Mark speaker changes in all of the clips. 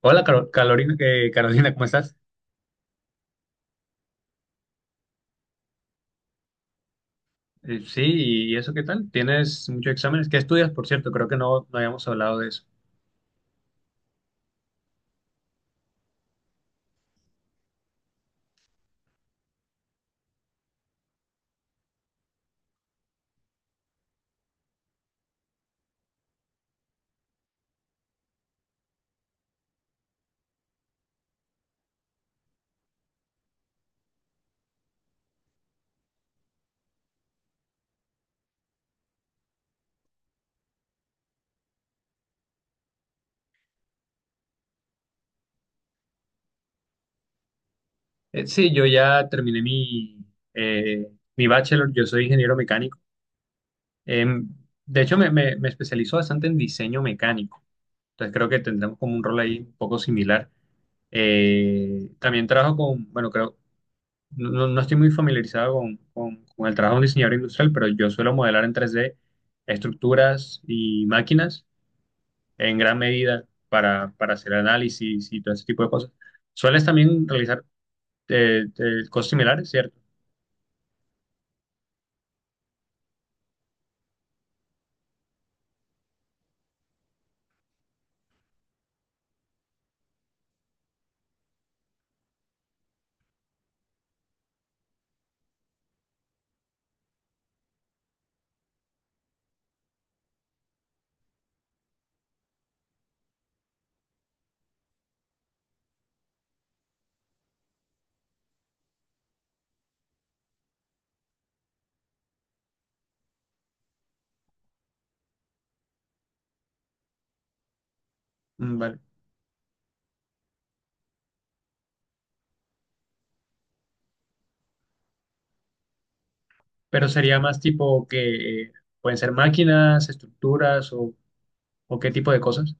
Speaker 1: Hola, Carolina, Carolina, ¿cómo estás? Eh, sí, ¿Y eso qué tal? ¿Tienes muchos exámenes? ¿Qué estudias, por cierto? Creo que no habíamos hablado de eso. Sí, yo ya terminé eh, mi bachelor, yo soy ingeniero mecánico. Em, de hecho, me especializo bastante en diseño mecánico, entonces creo que tendremos como un rol ahí un poco similar. También trabajo con, bueno, creo, no estoy muy familiarizado con, con el trabajo de un diseñador industrial, pero yo suelo modelar en 3D estructuras y máquinas, en gran medida para hacer análisis y todo ese tipo de cosas. ¿Sueles también realizar cosas similares, cierto? Mm, vale. Pero sería más tipo que pueden ser máquinas, estructuras o qué tipo de cosas.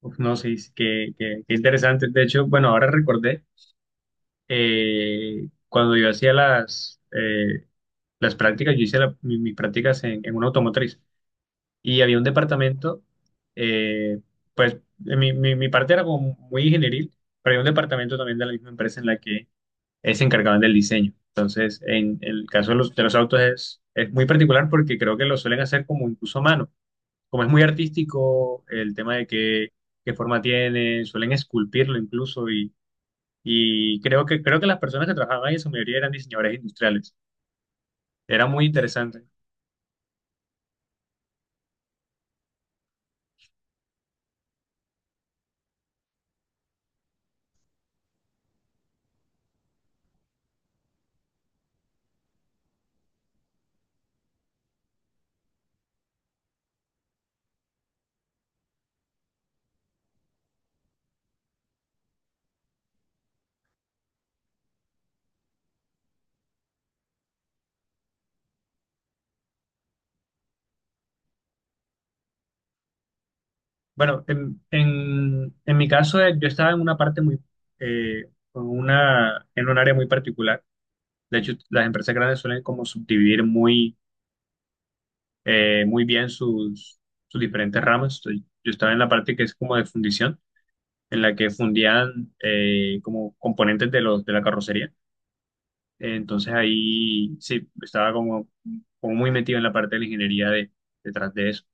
Speaker 1: Uf, no sé, sí, qué interesante. De hecho, bueno, ahora recordé, cuando yo hacía las prácticas, yo hice mis prácticas en una automotriz. Y había un departamento, eh, pues mi parte era como muy ingenieril, pero había un departamento también de la misma empresa en la que se encargaban del diseño. Entonces, en el caso de los autos es muy particular porque creo que lo suelen hacer como incluso a mano. Como es muy artístico, el tema de qué, qué forma tiene, suelen esculpirlo incluso y creo que las personas que trabajaban ahí, en su mayoría eran diseñadores industriales. Era muy interesante. Bueno, en mi caso, yo estaba en una parte muy, eh, con una, en un área muy particular. De hecho, las empresas grandes suelen como subdividir muy, muy bien sus, sus diferentes ramas. Entonces, yo estaba en la parte que es como de fundición, en la que fundían como componentes de los, de la carrocería. Entonces ahí sí, estaba como, como muy metido en la parte de la ingeniería de, detrás de eso.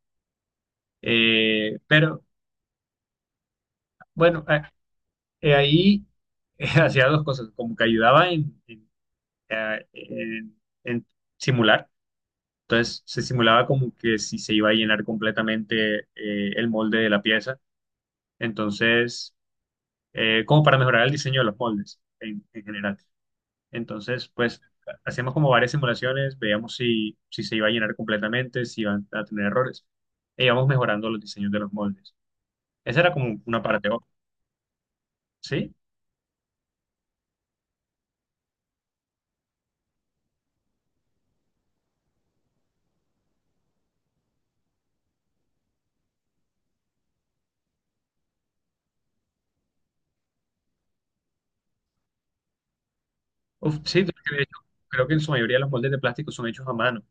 Speaker 1: Pero bueno, ahí hacía dos cosas, como que ayudaba en, eh, en- en simular, entonces se simulaba como que si se iba a llenar completamente el molde de la pieza, entonces como para mejorar el diseño de los moldes en general. Entonces, pues hacíamos como varias simulaciones, veíamos si, si se iba a llenar completamente, si iban a tener errores, e íbamos mejorando los diseños de los moldes. Esa era como una parte, ¿sí? Uf, sí, creo que de hecho, creo que en su mayoría los moldes de plástico son hechos a mano.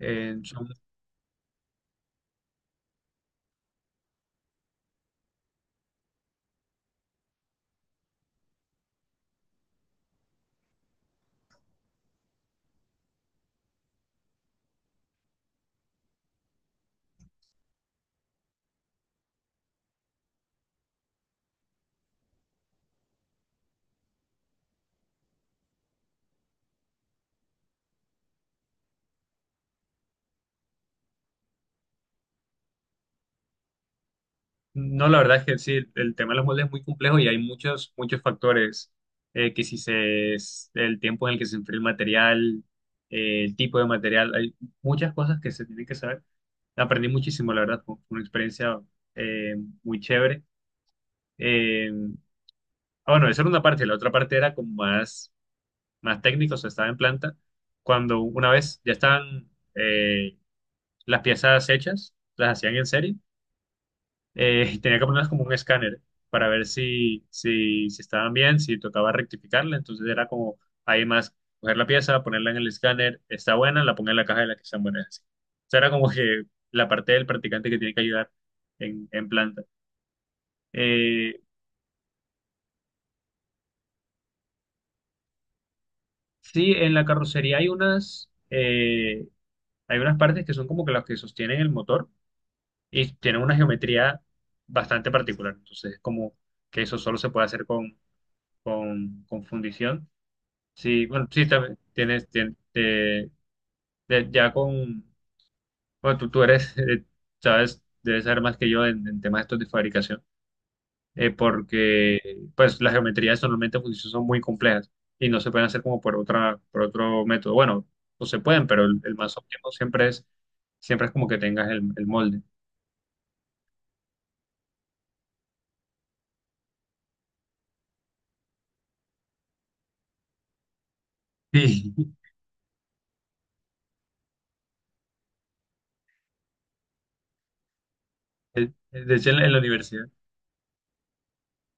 Speaker 1: Eh, son- no, la verdad es que sí, el tema de los moldes es muy complejo y hay muchos, muchos factores. Que si el tiempo en el que se enfría el material, el tipo de material, hay muchas cosas que se tienen que saber. Aprendí muchísimo, la verdad, fue una experiencia eh, muy chévere. Eh, bueno, esa era una parte, la otra parte era como más, más técnica, o sea, estaba en planta. Cuando una vez ya estaban, las piezas hechas, las hacían en serie, y tenía que ponerlas como un escáner para ver si, si, si estaban bien, si tocaba rectificarla, entonces era como ahí más coger la pieza, ponerla en el escáner, está buena, la pongo en la caja de las que están buenas. Así. O sea, era como que la parte del practicante que tiene que ayudar en planta. Eh, sí, en la carrocería hay unas partes que son como que las que sostienen el motor y tienen una geometría bastante particular, entonces es como que eso solo se puede hacer con, con fundición. Sí, bueno, sí, también tienes, ya con, bueno, tú eres, sabes, debes saber más que yo en temas estos de fabricación, porque pues las geometrías normalmente en fundición son muy complejas y no se pueden hacer como por otra, por otro método. Bueno, no se pueden, pero el más óptimo siempre es como que tengas el molde. Sí, de hecho en la universidad.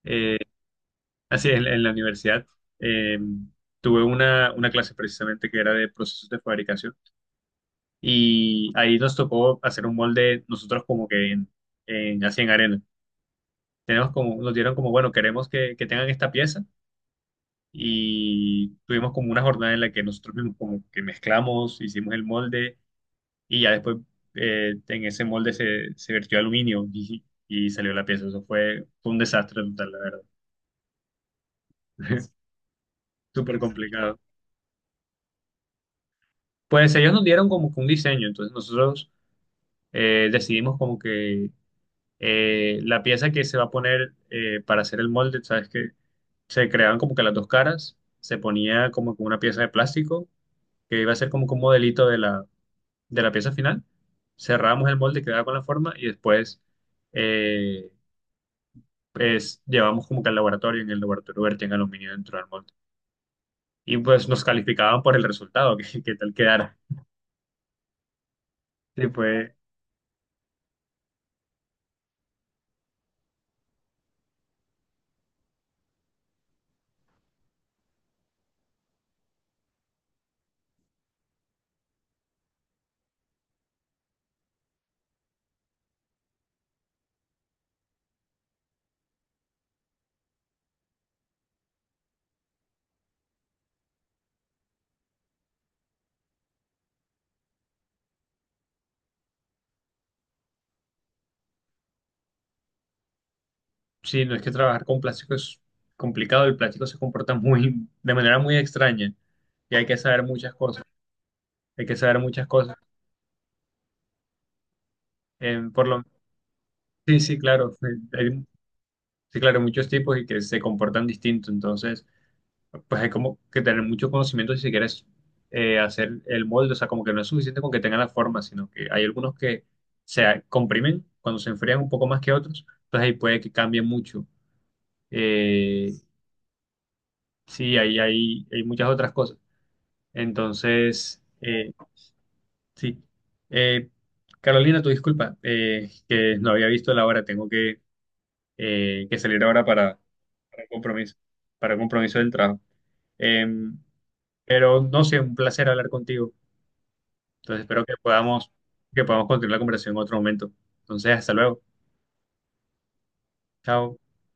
Speaker 1: eh, Así es, en la universidad eh, tuve una clase precisamente que era de procesos de fabricación y ahí nos tocó hacer un molde nosotros como que en, así en arena. Tenemos como, nos dieron como, bueno, queremos que tengan esta pieza y tuvimos como una jornada en la que nosotros mismos como que mezclamos, hicimos el molde y ya después en ese molde se, se vertió aluminio y salió la pieza. Eso fue, fue un desastre total, la verdad. Súper complicado. Pues ellos nos dieron como que un diseño, entonces nosotros decidimos como que la pieza que se va a poner para hacer el molde, sabes que se creaban como que las dos caras, se ponía como que una pieza de plástico que iba a ser como que un modelito de la pieza final, cerramos el molde, quedaba con la forma y después eh, pues llevamos como que al laboratorio, en el laboratorio vertían aluminio dentro del molde y pues nos calificaban por el resultado, que tal quedara. Sí, fue, sí, no es que trabajar con plástico es complicado, el plástico se comporta muy, de manera muy extraña y hay que saber muchas cosas, hay que saber muchas cosas. Eh, por lo, sí, sí, claro, hay, sí, claro, muchos tipos y que se comportan distinto, entonces, pues hay como que tener mucho conocimiento si se quieres hacer el molde, o sea, como que no es suficiente con que tengan la forma, sino que hay algunos que se comprimen cuando se enfrían un poco más que otros, entonces ahí puede que cambie mucho. Eh, sí, ahí hay, hay muchas otras cosas. Entonces, sí. Eh, Carolina, tu disculpa, que no había visto la hora. Tengo que salir ahora para un compromiso, para un compromiso del trabajo. Em, pero no sé, un placer hablar contigo. Entonces, espero que podamos continuar la conversación en otro momento. Entonces, hasta luego. Chao.